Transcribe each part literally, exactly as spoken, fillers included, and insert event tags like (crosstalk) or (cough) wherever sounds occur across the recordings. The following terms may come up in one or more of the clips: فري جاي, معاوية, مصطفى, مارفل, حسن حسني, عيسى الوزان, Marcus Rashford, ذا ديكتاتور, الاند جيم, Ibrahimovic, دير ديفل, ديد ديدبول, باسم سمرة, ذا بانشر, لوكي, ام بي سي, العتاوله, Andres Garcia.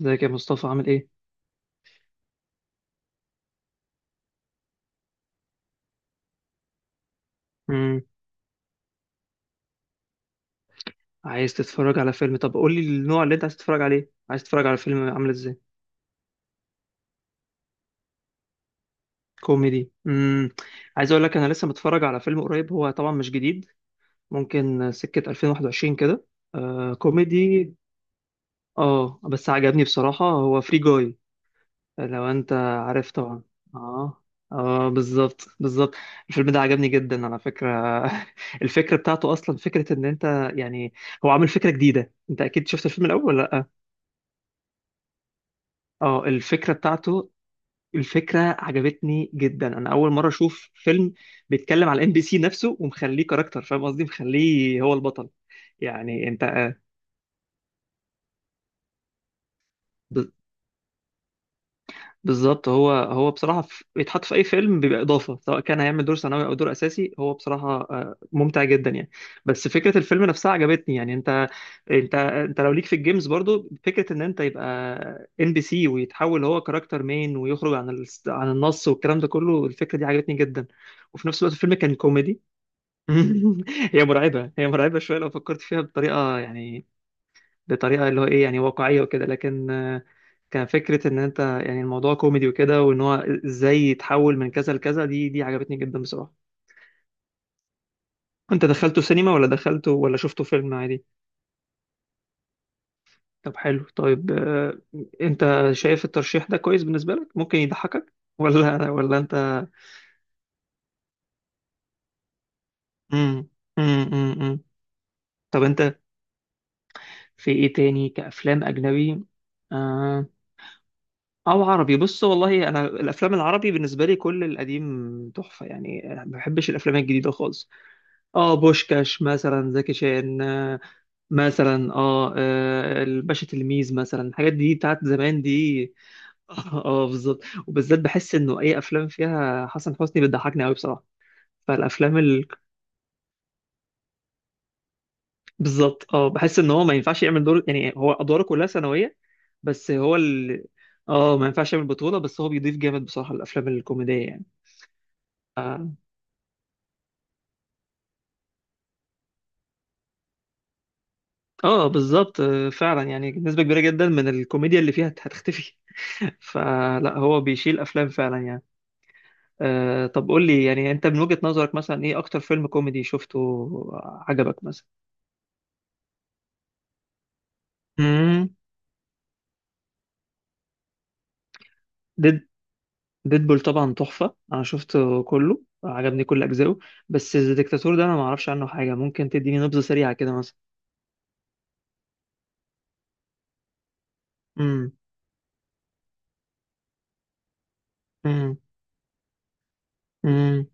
ازيك يا مصطفى عامل ايه؟ مم. عايز تتفرج على فيلم؟ طب قول لي النوع اللي انت عايز تتفرج عليه، عايز تتفرج على فيلم عامل ازاي؟ كوميدي. مم. عايز اقول لك انا لسه متفرج على فيلم قريب، هو طبعا مش جديد، ممكن سكة ألفين وواحد وعشرين كده. آه كوميدي. اه بس عجبني بصراحة، هو فري جاي. لو انت عارف طبعا. اه اه بالظبط بالظبط. الفيلم ده عجبني جدا على فكرة. (laughs) الفكرة بتاعته اصلا فكرة ان انت يعني هو عامل فكرة جديدة. انت اكيد شفت الفيلم الاول. اه الفكرة بتاعته، الفكرة عجبتني جدا. انا اول مرة اشوف فيلم بيتكلم على ام بي سي نفسه ومخليه كاركتر، فاهم قصدي، مخليه هو البطل. يعني انت بالظبط. هو هو بصراحة، في- بيتحط في أي فيلم بيبقى إضافة، سواء كان هيعمل دور ثانوي أو دور أساسي. هو بصراحة آه، ممتع جدا يعني. بس فكرة الفيلم نفسها عجبتني. يعني أنت أنت أنت لو ليك في الجيمز برضو فكرة إن أنت يبقى إن بي سي، ويتحول هو كاركتر مين، ويخرج عن ال... عن النص والكلام ده كله. الفكرة دي عجبتني جدا، وفي نفس الوقت الفيلم كان كوميدي. (laughs) هي مرعبة، هي مرعبة شوية لو فكرت فيها بطريقة يعني بطريقه اللي هو ايه، يعني واقعيه وكده. لكن آه، كان فكره ان انت يعني الموضوع كوميدي وكده، وان هو ازاي يتحول من كذا لكذا. دي دي عجبتني جدا بصراحه. انت دخلته سينما، ولا دخلته، ولا شفته فيلم عادي؟ طب حلو. طيب آه، انت شايف الترشيح ده كويس بالنسبه لك؟ ممكن يضحكك (laughs) ولا ولا انت؟ امم امم امم طب انت في ايه تاني كافلام اجنبي؟ آه. او عربي. بص والله انا الافلام العربي بالنسبه لي كل القديم تحفه، يعني ما بحبش الافلام الجديده خالص. اه بوشكاش مثلا، زكي شان، آه، مثلا اه آه، الباشا تلميذ مثلا، الحاجات دي بتاعت زمان دي. (laughs) اه آه، بالظبط. وبالذات بحس انه اي افلام فيها حسن حسني بتضحكني قوي بصراحه. فالافلام ال... بالظبط. اه بحس ان هو ما ينفعش يعمل دور، يعني هو ادواره كلها ثانويه، بس هو ال... اه ما ينفعش يعمل بطوله. بس هو بيضيف جامد بصراحه الافلام الكوميديه يعني. آه، اه بالظبط آه، فعلا، يعني نسبة كبيرة جدا من الكوميديا اللي فيها هتختفي. (laughs) فلا، هو بيشيل افلام فعلا يعني. آه. طب قول لي، يعني انت من وجهة نظرك مثلا ايه اكتر فيلم كوميدي شفته عجبك مثلا؟ امم. ديد ديدبول طبعا تحفة. انا شفته كله، عجبني كل اجزائه. بس ذا ديكتاتور ده انا ما اعرفش عنه حاجة، ممكن تديني نبذة سريعة كده مثلا؟ امم امم امم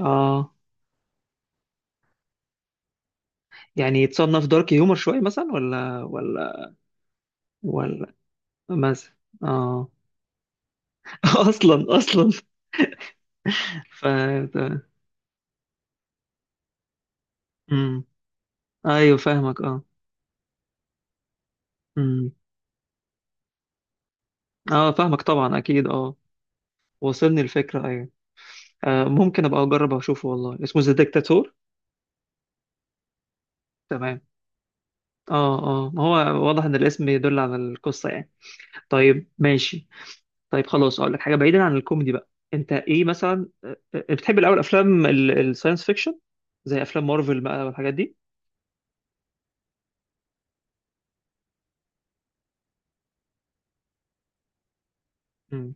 اه يعني يتصنف دارك هيومر شوية مثلا؟ ولا ولا ولا مثلا اه. (laughs) اصلا اصلا. ف امم. ايوه فاهمك اه. امم. اه فاهمك طبعا اكيد اه. وصلني الفكره ايوه. آه، ممكن ابقى اجرب اشوفه. والله اسمه ذا ديكتاتور؟ تمام. اه. اه ما هو واضح ان الاسم يدل على القصه يعني. طيب ماشي. طيب خلاص اقول لك حاجه بعيدا عن الكوميدي بقى. انت ايه مثلا، آه، آه، بتحب الاول افلام الساينس فيكشن، زي افلام مارفل بقى والحاجات دي؟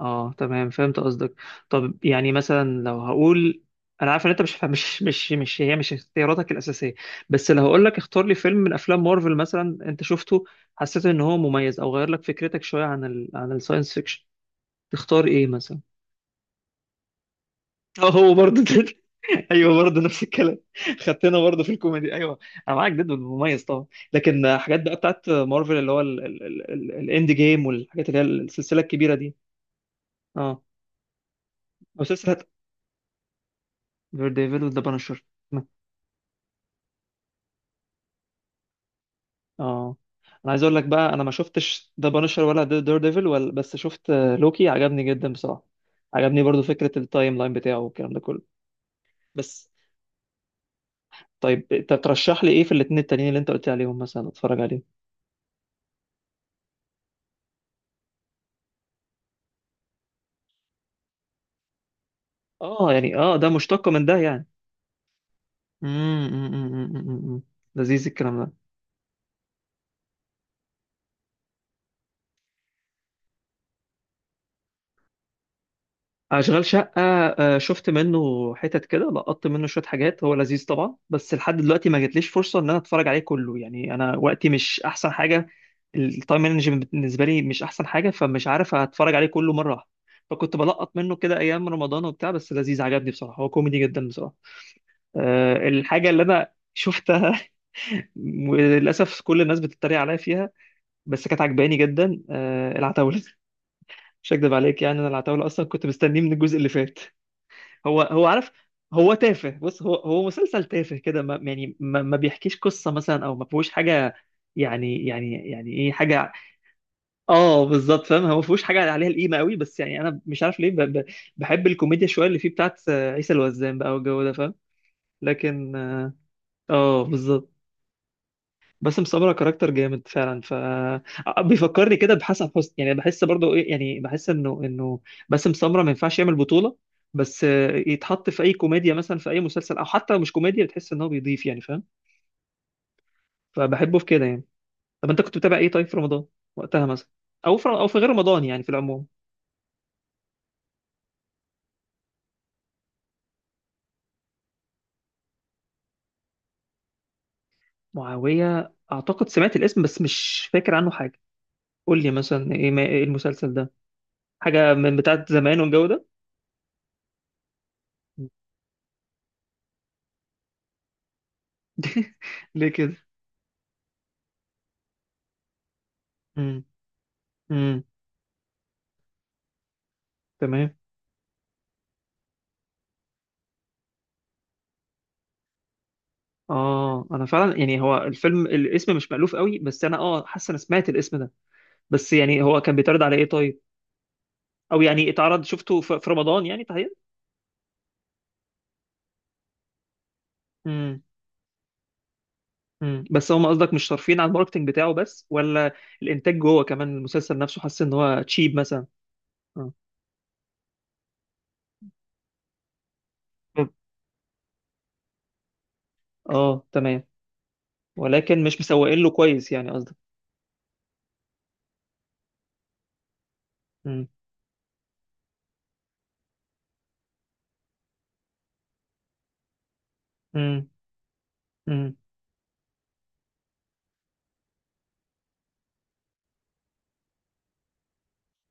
اه تمام، فهمت قصدك. طب يعني مثلا لو هقول، انا عارف ان انت مش مش مش مش هي مش اختياراتك الاساسيه، بس لو هقول لك اختار لي فيلم من افلام مارفل مثلا انت شفته حسيت ان هو مميز او غير لك فكرتك شويه عن ال... عن الساينس فيكشن، تختار ايه مثلا؟ اه، هو برضه. (laughs) ده. ايوه برضه نفس الكلام. خدتنا برضه في الكوميدي. ايوه انا معاك، جدا مميز طبعا. لكن حاجات بقى بتاعت مارفل اللي هو الاند جيم والحاجات اللي هي السلسله الكبيره دي. اه. او سلسله. دير ديفل وذا بانشر. اه انا عايز اقول لك بقى، انا ما شفتش ذا بانشر ولا دير ديفل ولا، بس شفت آه، لوكي، عجبني جدا بصراحه. عجبني برضو فكره التايم لاين بتاعه والكلام ده كله. بس طيب انت ترشح لي ايه في الاتنين التانيين اللي انت قلت عليهم مثلا اتفرج عليهم؟ اه يعني اه ده مشتق من ده يعني؟ امم. أمم، أمم، أمم، أمم. لذيذ الكلام ده. اشغال شقه آه، شفت منه حتت كده، لقطت منه شويه حاجات. هو لذيذ طبعا، بس لحد دلوقتي ما جاتليش فرصه ان انا اتفرج عليه كله. يعني انا وقتي مش احسن حاجه، التايم مانجمنت بالنسبه لي مش احسن حاجه، فمش عارف اتفرج عليه كله مره واحده. فكنت بلقط منه كده ايام رمضان وبتاع. بس لذيذ، عجبني بصراحه، هو كوميدي جدا بصراحه. أه الحاجه اللي انا شفتها (laughs) وللاسف كل الناس بتتريق عليا فيها، بس كانت عجباني جدا، أه، العتاوله. مش هكدب عليك يعني انا العتاوله اصلا كنت مستنيه من الجزء اللي فات. هو هو عارف. هو تافه، بص، هو هو مسلسل تافه كده، ما يعني ما, ما بيحكيش قصة مثلا او ما فيهوش حاجة. يعني يعني يعني ايه حاجة. اه بالظبط، فاهم، هو ما فيهوش حاجة عليها القيمة قوي، بس يعني انا مش عارف ليه، ب ب بحب الكوميديا شوية اللي فيه بتاعت آه، عيسى الوزان بقى والجو ده، فاهم. لكن اه آه، بالظبط. باسم سمرة كاركتر جامد فعلا. ف آه، بيفكرني كده بحسن حسني، يعني بحس برضه ايه، يعني بحس انه انه باسم سمرة ما ينفعش يعمل بطولة، بس آه، يتحط في اي كوميديا مثلا، في اي مسلسل او حتى لو مش كوميديا، بتحس ان هو بيضيف، يعني فاهم. فبحبه في كده يعني. طب انت كنت بتابع ايه طيب في رمضان وقتها مثلا، او في او في غير رمضان يعني في العموم؟ معاوية، اعتقد سمعت الاسم بس مش فاكر عنه حاجة. قول لي مثلا ايه ما- إيه المسلسل ده؟ حاجة من بتاعت زمان والجو ده؟ ليه كده؟ امم. امم. تمام. اه انا فعلا، يعني هو الفيلم الاسم مش مألوف قوي، بس انا اه حاسس انا سمعت الاسم ده. بس يعني هو كان بيتعرض على ايه طيب؟ او يعني اتعرض، شفته في في رمضان يعني تحديدا؟ امم. امم. بس هم قصدك مش صارفين على الماركتنج بتاعه بس، ولا الانتاج جوه كمان المسلسل نفسه حاسس ان هو تشيب مثلا؟ اه. طب- اه تمام، ولكن مش مسوقين له كويس يعني قصدك. امم. امم. امم.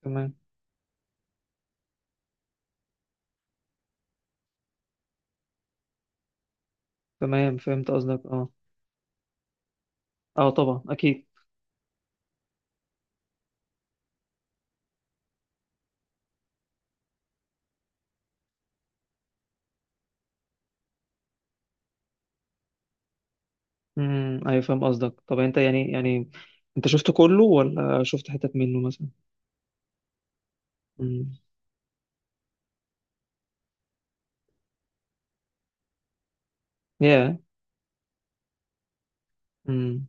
تمام، تمام فهمت قصدك اه. اه طبعا اكيد. امم. ايوه فاهم قصدك. طب انت يعني يعني انت شفت كله ولا شفت حتت منه مثلا؟ امم. يا. امم.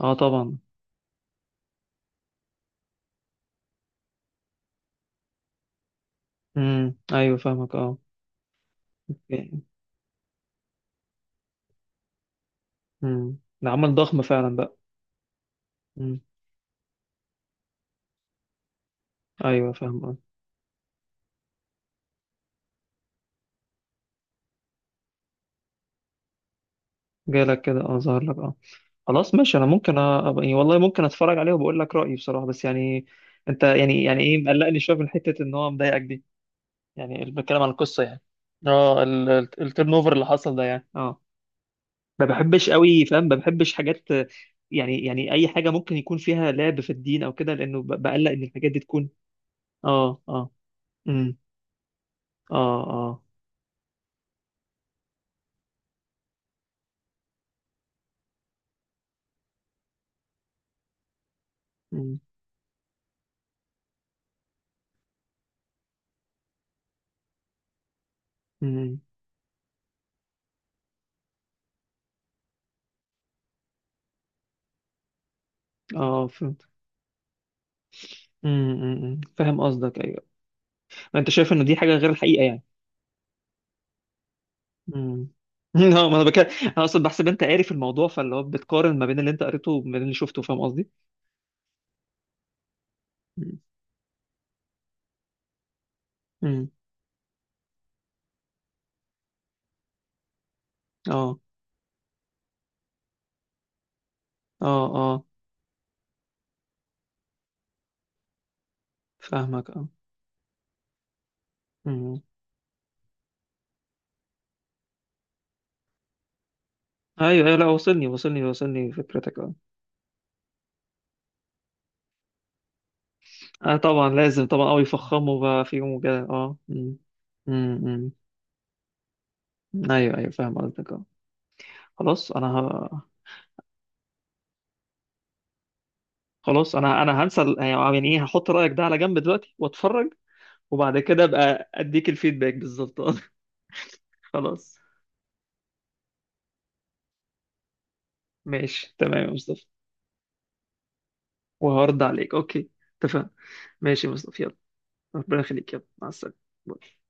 اه طبعا. امم. ايوه فاهمك اه. امم، ده عمل ضخم فعلا بقى. امم. ايوه فاهم اه. جالك كده اه، ظهر لك اه. خلاص ماشي، انا ممكن أ... يعني والله ممكن اتفرج عليه وبقول لك رايي بصراحه. بس يعني انت يعني يعني ايه مقلقني شويه من حته ان هو مضايقك دي، يعني بتكلم عن القصه يعني؟ اه التيرن اوفر اللي حصل ده يعني اه. ما بحبش قوي، فاهم، ما بحبش حاجات يعني، يعني اي حاجه ممكن يكون فيها لعب في الدين او كده، لانه ب- بقلق ان الحاجات دي تكون. اه. اه. امم. اه اه. امم. امم. اه فهمت. امم. أمم، أمم. فاهم قصدك ايوه. ما انت شايف انه دي حاجه غير الحقيقه يعني. امم. (laughs) اه ما انا بكلم، انا اصلا بحسب انت قاري في الموضوع، فاللي هو بتقارن ما بين اللي انت قريته وما بين اللي شفته، فاهم قصدي. امم. أمم. اه. اه. اه فاهمك اه. أمم. ايوه ايوه، لا وصلني، وصلني وصلني فكرتك اه. اه طبعا لازم طبعا، اه يفخموا بقى فيهم وكده اه. أمم، أمم، أمم. ايوه ايوه فاهم قصدك اه. خلاص انا ه... خلاص انا انا هنسى ال- يعني يعني ايه، هحط رايك ده على جنب دلوقتي واتفرج، وبعد كده ابقى اديك الفيدباك بالظبط آه. (laughs) خلاص. ماشي تمام يا مصطفى، وهرد عليك. اوكي، اتفقنا. ماشي يا مصطفى، يلا. ربنا يخليك، يلا، مع السلامه. باي.